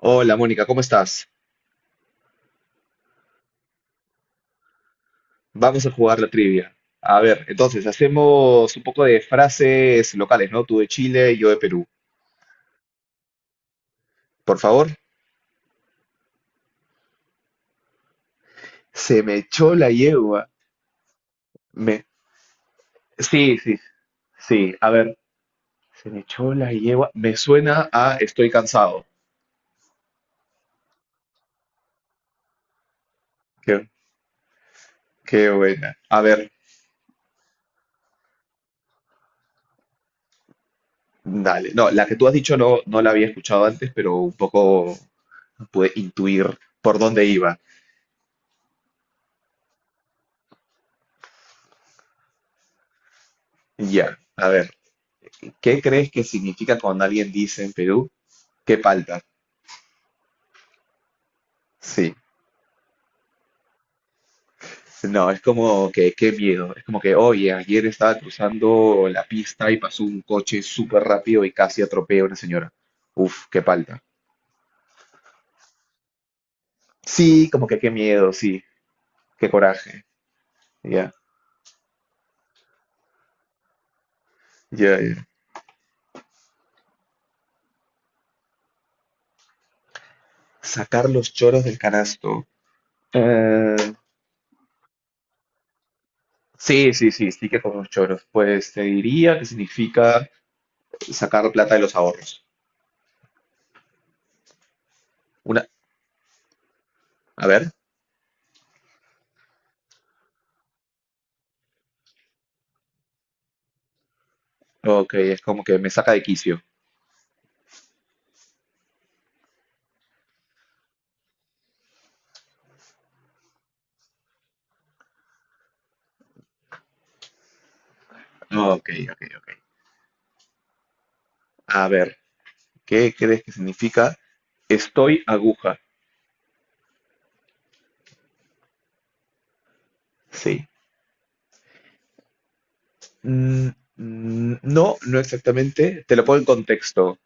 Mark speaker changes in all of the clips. Speaker 1: Hola Mónica, ¿cómo estás? Vamos a jugar la trivia. A ver, entonces hacemos un poco de frases locales, ¿no? Tú de Chile, yo de Perú. Por favor. Se me echó la yegua. Me... Sí, sí, sí. A ver, se me echó la yegua. Me suena a estoy cansado. Qué, qué buena. A ver, dale. No, la que tú has dicho no, no la había escuchado antes, pero un poco pude intuir por dónde iba. Ya, a ver, ¿qué crees que significa cuando alguien dice en Perú? ¿Qué palta? Sí, no, es como que qué miedo. Es como que, oye, ayer estaba cruzando la pista y pasó un coche súper rápido y casi atropella a una señora. Uf, qué palta. Sí, como que qué miedo, sí, qué coraje. Ya, ya, ya. Sacar los choros del canasto. Eh, sí, sí, sí, sí que con los choros. Pues te diría que significa sacar plata de los ahorros. Una, a ver, ok, es como que me saca de quicio. Ok, ok, ok. A ver. ¿Qué crees que significa? Estoy aguja. Sí. Mm, no, no exactamente. Te lo pongo en contexto.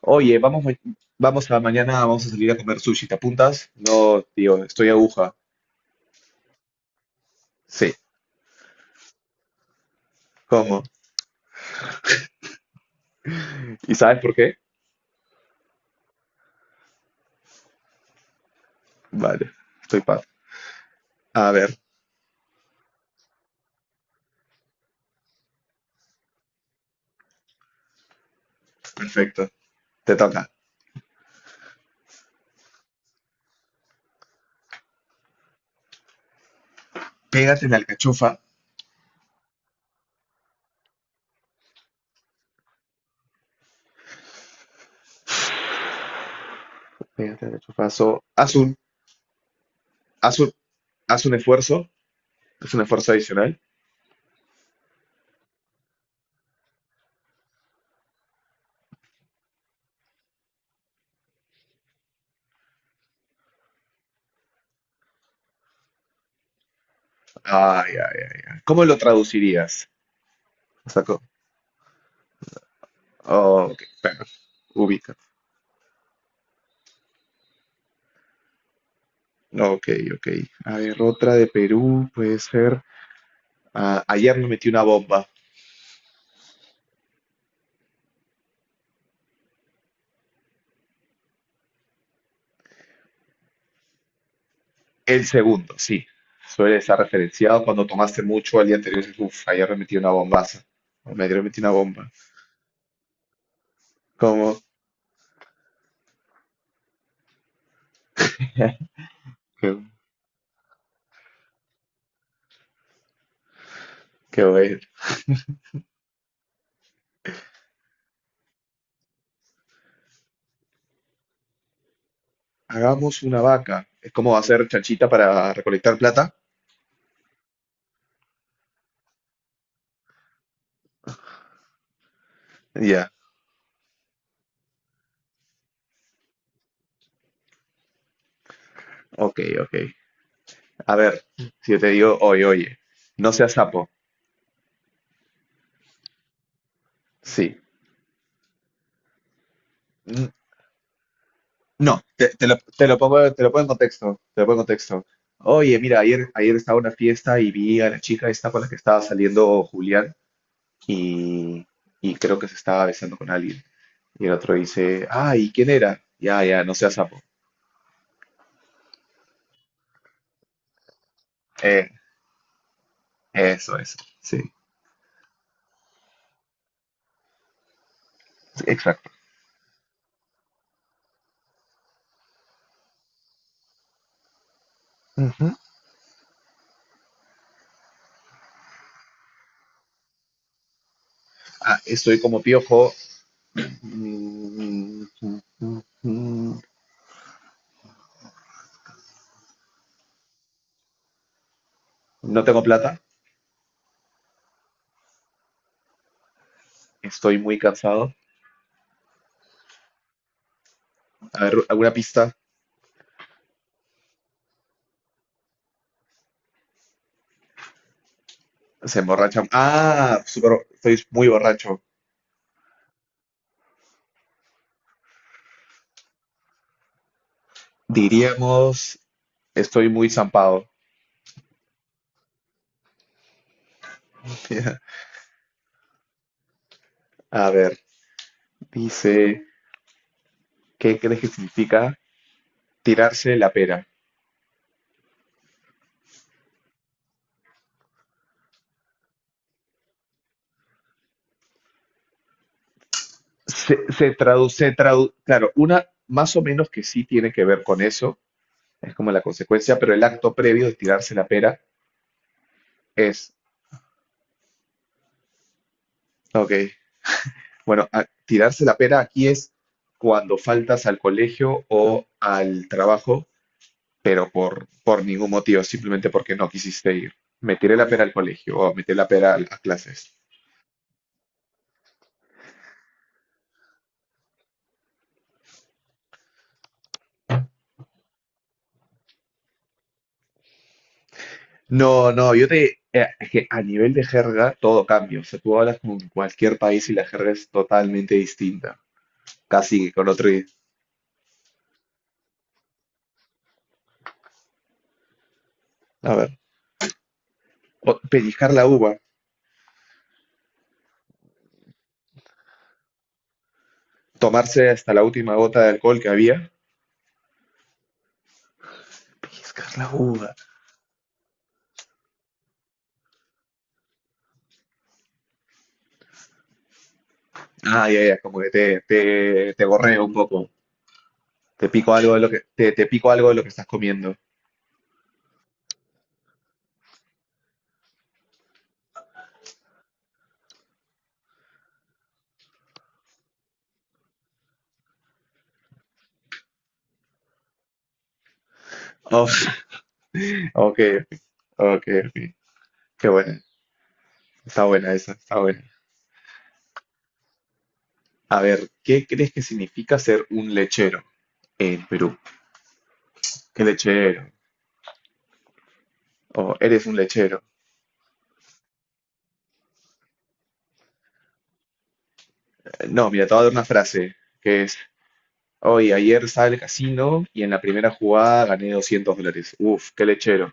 Speaker 1: Oye, vamos a mañana, vamos a salir a comer sushi. ¿Te apuntas? No, tío, estoy aguja. Sí. ¿Cómo? ¿Y sabes por qué? Vale, estoy paz. A ver, perfecto. Te toca. Pégate en la alcachofa. Pégate en el alcachofazo. Haz un, haz un esfuerzo. Haz un esfuerzo adicional. Ay, ay, ay, ay. ¿Cómo lo traducirías? O sea, oh, ok, bueno, ubica. Ok, ok. A ver, otra de Perú puede ser. Ah, ayer me metí una bomba. El segundo, sí. Suele estar referenciado cuando tomaste mucho al día anterior. Dices, uf, ayer me metí una bombaza. O me ayer metí una bomba. Como, qué, qué bueno. Hagamos una vaca. Es como hacer chanchita para recolectar plata. Ya, ok, ok. A ver, si yo te digo, oye, no seas sapo. Sí. Mm. No, te lo pongo en contexto. Oye, mira, ayer estaba en una fiesta y vi a la chica esta con la que estaba saliendo Julián y, y creo que se estaba besando con alguien. Y el otro dice, ay, ¿quién era? Ya, ya, no seas sapo. Eh, eso, eso, sí, exacto. Ujú. Ah, estoy como piojo. Mm, mm, mm, mm. No tengo plata. Estoy muy cansado. A ver, alguna pista. Se emborracha. Ah, súper, estoy muy borracho. Diríamos, estoy muy zampado. A ver, dice, ¿qué crees que significa tirarse la pera? Se traduce, claro, una más o menos que sí tiene que ver con eso, es como la consecuencia, pero el acto previo de tirarse la pera es, ok, bueno, tirarse la pera aquí es cuando faltas al colegio o al trabajo, pero por ningún motivo, simplemente porque no quisiste ir. Me tiré la pera al colegio o me tiré la pera a clases. No, no, es que a nivel de jerga todo cambia. O sea, tú hablas con cualquier país y la jerga es totalmente distinta. Casi que con otro. A ver, pellizcar la uva, tomarse hasta la última gota de alcohol que había. Pellizcar la uva. Ah, ya, ya, como que te gorreo un poco. Te pico algo de lo que estás comiendo. Oh, ok, ok, ok. Qué buena. Está buena esa, está buena. A ver, ¿qué crees que significa ser un lechero? En Perú. Qué lechero. O eres un lechero. No, mira, te voy a dar una frase que es, hoy, ayer estaba en el casino y en la primera jugada gané $200. Uf, qué lechero.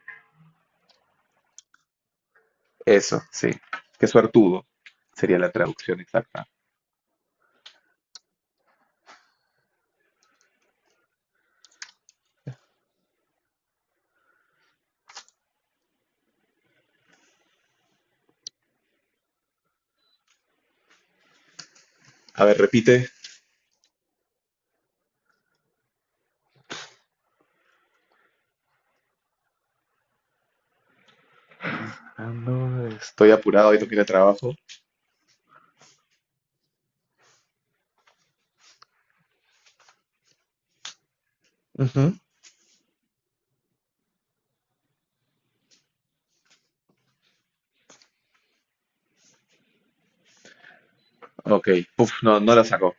Speaker 1: Eso, sí. Qué suertudo sería la traducción exacta. A ver, repite. Ah, no, estoy apurado, hoy tengo que ir al trabajo. Ujú. Ok, puf, no, no la sacó.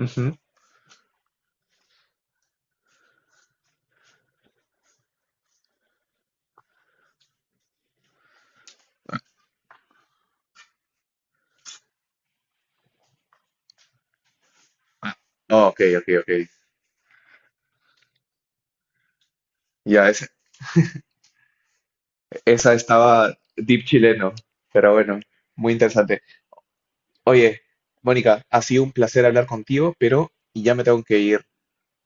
Speaker 1: Ujú. Ah, ok, ok, ok. Ya, esa estaba deep chileno, pero bueno, muy interesante. Oye, Mónica, ha sido un placer hablar contigo, pero ya me tengo que ir.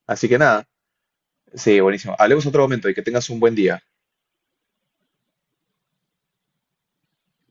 Speaker 1: Así que nada, sí, buenísimo. Hablemos otro momento y que tengas un buen día.